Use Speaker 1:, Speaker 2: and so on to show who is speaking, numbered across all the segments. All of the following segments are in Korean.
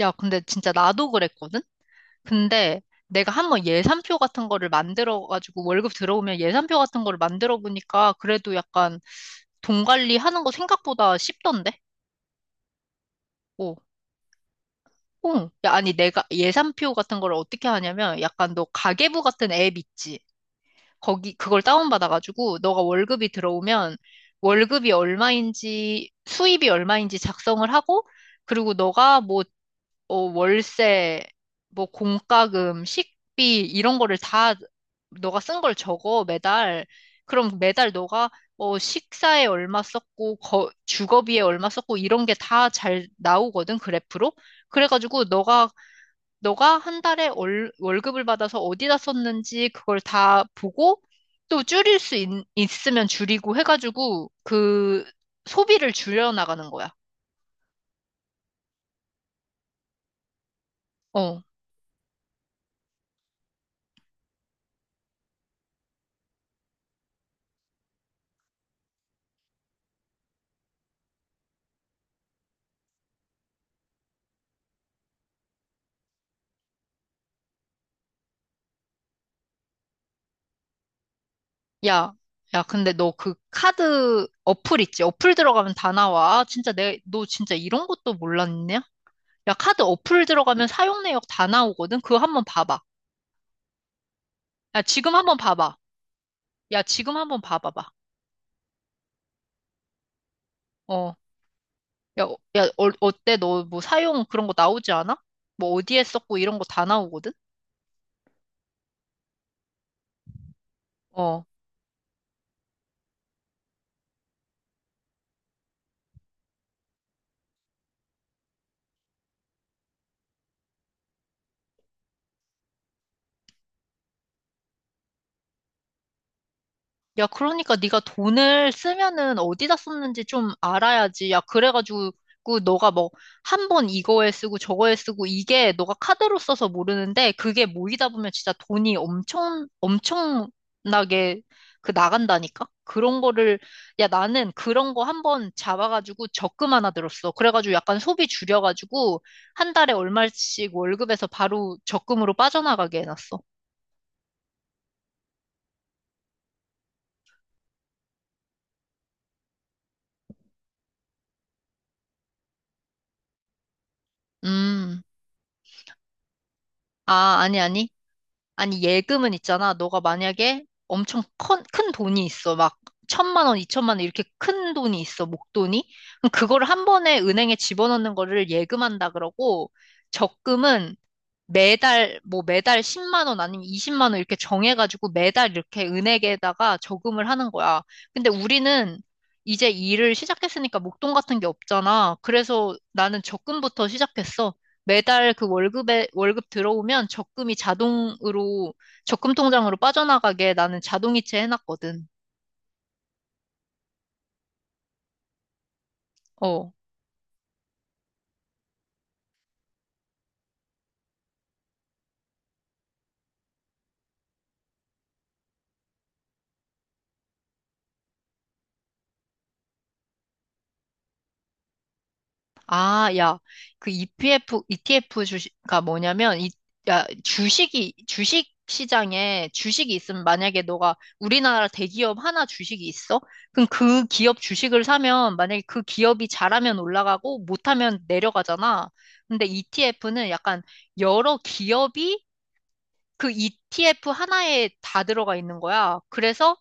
Speaker 1: 야, 근데 진짜 나도 그랬거든? 근데 내가 한번 예산표 같은 거를 만들어가지고 월급 들어오면 예산표 같은 거를 만들어 보니까 그래도 약간 돈 관리하는 거 생각보다 쉽던데? 어, 어. 야, 아니 내가 예산표 같은 거를 어떻게 하냐면 약간 너 가계부 같은 앱 있지? 거기 그걸 다운받아가지고 너가 월급이 들어오면 월급이 얼마인지 수입이 얼마인지 작성을 하고 그리고 너가 뭐 월세, 뭐 공과금, 식비 이런 거를 다 너가 쓴 걸 적어 매달. 그럼 매달 너가 식사에 얼마 썼고 주거비에 얼마 썼고 이런 게 다 잘 나오거든 그래프로. 그래가지고 너가 한 달에 월급을 받아서 어디다 썼는지 그걸 다 보고 또 줄일 수 있으면 줄이고 해가지고 그 소비를 줄여 나가는 거야. 어. 야, 야, 근데 너 그 카드 어플 있지? 어플 들어가면 다 나와. 아, 진짜 너 진짜 이런 것도 몰랐냐? 야, 카드 어플 들어가면 사용 내역 다 나오거든? 그거 한번 봐봐. 야, 지금 한번 봐봐. 야, 지금 한번 봐봐봐. 어, 야, 어때? 너 뭐 사용 그런 거 나오지 않아? 뭐 어디에 썼고 이런 거 다 나오거든? 어. 야, 그러니까 네가 돈을 쓰면은 어디다 썼는지 좀 알아야지. 야, 그래가지고 너가 뭐 한 번 이거에 쓰고 저거에 쓰고 이게 너가 카드로 써서 모르는데 그게 모이다 보면 진짜 돈이 엄청 엄청나게 그 나간다니까? 그런 거를 야, 나는 그런 거 한번 잡아가지고 적금 하나 들었어. 그래가지고 약간 소비 줄여가지고 한 달에 얼마씩 월급에서 바로 적금으로 빠져나가게 해놨어. 음. 아, 아니, 아니. 아니, 예금은 있잖아. 너가 만약에 엄청 큰 돈이 있어. 막, 1,000만 원, 2,000만 원, 이렇게 큰 돈이 있어. 목돈이. 그럼 그거를 한 번에 은행에 집어넣는 거를 예금한다 그러고, 적금은 매달 10만 원 아니면 20만 원 이렇게 정해가지고 매달 이렇게 은행에다가 저금을 하는 거야. 근데 우리는 이제 일을 시작했으니까 목돈 같은 게 없잖아. 그래서 나는 적금부터 시작했어. 매달 그 월급 들어오면 적금이 자동으로 적금 통장으로 빠져나가게 나는 자동이체 해놨거든. 어. 아, 야, 그 ETF 주식가 뭐냐면, 야, 주식 시장에 주식이 있으면 만약에 너가 우리나라 대기업 하나 주식이 있어? 그럼 그 기업 주식을 사면 만약에 그 기업이 잘하면 올라가고 못하면 내려가잖아. 근데 ETF는 약간 여러 기업이 그 ETF 하나에 다 들어가 있는 거야. 그래서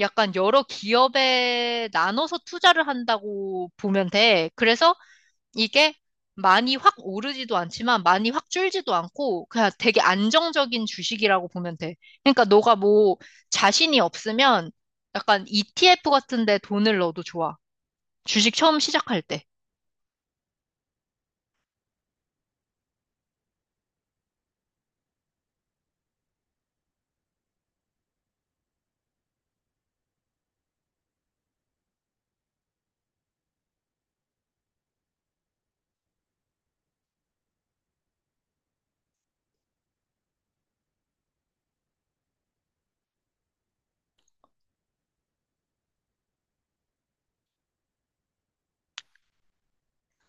Speaker 1: 약간 여러 기업에 나눠서 투자를 한다고 보면 돼. 그래서 이게 많이 확 오르지도 않지만 많이 확 줄지도 않고 그냥 되게 안정적인 주식이라고 보면 돼. 그러니까 너가 뭐 자신이 없으면 약간 ETF 같은 데 돈을 넣어도 좋아. 주식 처음 시작할 때.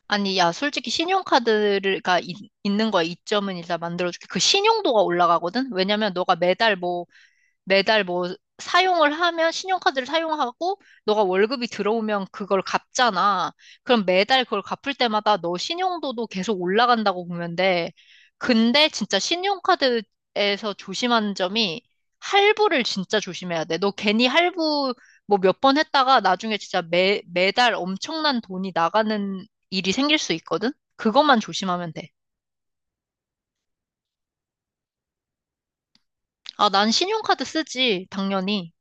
Speaker 1: 아니, 야, 솔직히 신용카드가 있는 거야. 이점은 일단 만들어줄게. 그 신용도가 올라가거든? 왜냐면 너가 매달 사용을 하면 신용카드를 사용하고 너가 월급이 들어오면 그걸 갚잖아. 그럼 매달 그걸 갚을 때마다 너 신용도도 계속 올라간다고 보면 돼. 근데 진짜 신용카드에서 조심하는 점이 할부를 진짜 조심해야 돼. 너 괜히 할부 뭐 몇 번 했다가 나중에 진짜 매달 엄청난 돈이 나가는 일이 생길 수 있거든? 그것만 조심하면 돼. 아, 난 신용카드 쓰지, 당연히.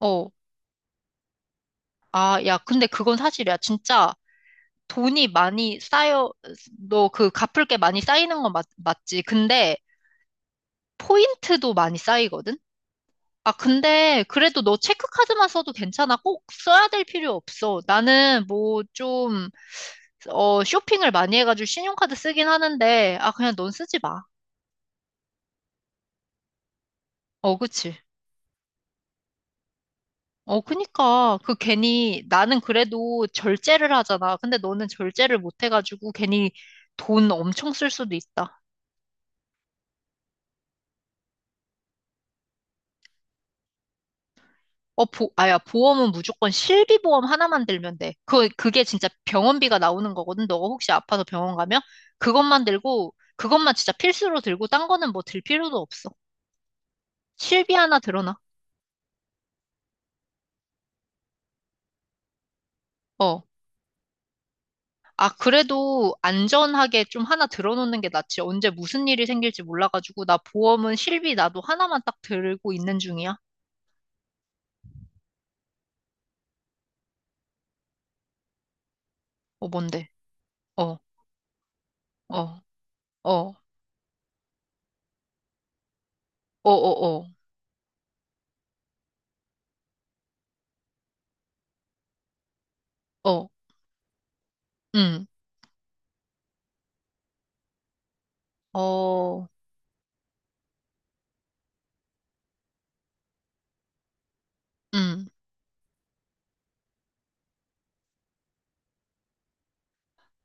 Speaker 1: 어. 아, 야, 근데 그건 사실이야. 진짜 돈이 많이 쌓여, 너 그 갚을 게 많이 쌓이는 건 맞지. 근데 포인트도 많이 쌓이거든? 아, 근데 그래도 너 체크카드만 써도 괜찮아. 꼭 써야 될 필요 없어. 나는 뭐 좀, 쇼핑을 많이 해가지고 신용카드 쓰긴 하는데, 아, 그냥 넌 쓰지 마. 어, 그치. 어, 그니까. 그 괜히, 나는 그래도 절제를 하잖아. 근데 너는 절제를 못 해가지고 괜히 돈 엄청 쓸 수도 있다. 보험은 무조건 실비보험 하나만 들면 돼. 그게 진짜 병원비가 나오는 거거든. 너가 혹시 아파서 병원 가면? 그것만 들고, 그것만 진짜 필수로 들고, 딴 거는 뭐 들 필요도 없어. 실비 하나 들어놔. 어. 아, 그래도 안전하게 좀 하나 들어놓는 게 낫지. 언제 무슨 일이 생길지 몰라가지고, 나 보험은 실비 나도 하나만 딱 들고 있는 중이야. 어, 뭔데? 어, 어, 어, 어, 어, 어, 어, 음, 어, 음.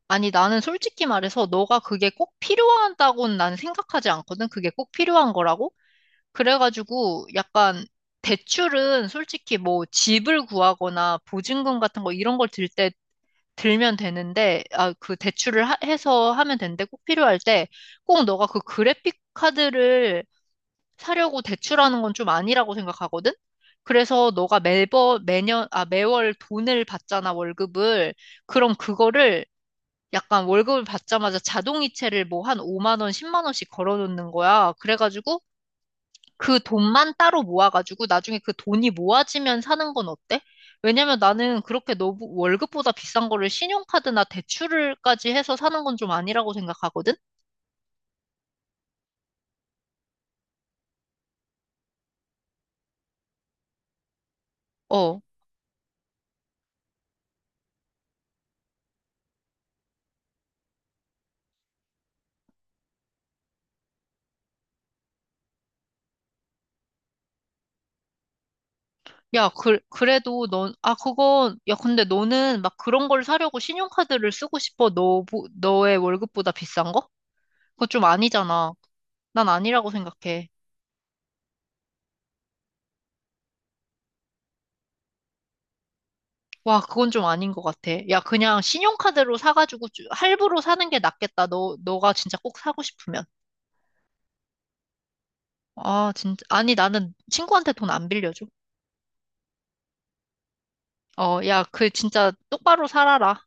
Speaker 1: 아니, 나는 솔직히 말해서 너가 그게 꼭 필요하다고는 난 생각하지 않거든. 그게 꼭 필요한 거라고? 그래가지고 약간 대출은 솔직히 뭐 집을 구하거나 보증금 같은 거 이런 걸 들 때 들면 되는데, 아, 그 대출을 해서 하면 되는데 꼭 필요할 때 꼭 너가 그 그래픽 카드를 사려고 대출하는 건 좀 아니라고 생각하거든? 그래서 너가 매월 돈을 받잖아, 월급을. 그럼 그거를 약간 월급을 받자마자 자동이체를 뭐 한 5만 원, 10만 원씩 걸어놓는 거야. 그래가지고 그 돈만 따로 모아가지고 나중에 그 돈이 모아지면 사는 건 어때? 왜냐면 나는 그렇게 너무 월급보다 비싼 거를 신용카드나 대출을까지 해서 사는 건 좀 아니라고 생각하거든? 어. 야, 그래도 야, 근데 너는 막 그런 걸 사려고 신용카드를 쓰고 싶어? 너의 월급보다 비싼 거? 그거 좀 아니잖아. 난 아니라고 생각해. 와, 그건 좀 아닌 것 같아. 야, 그냥 신용카드로 사가지고 할부로 사는 게 낫겠다. 너가 진짜 꼭 사고 싶으면. 아, 진짜. 아니, 나는 친구한테 돈 안 빌려줘. 어, 야, 그 진짜 똑바로 살아라.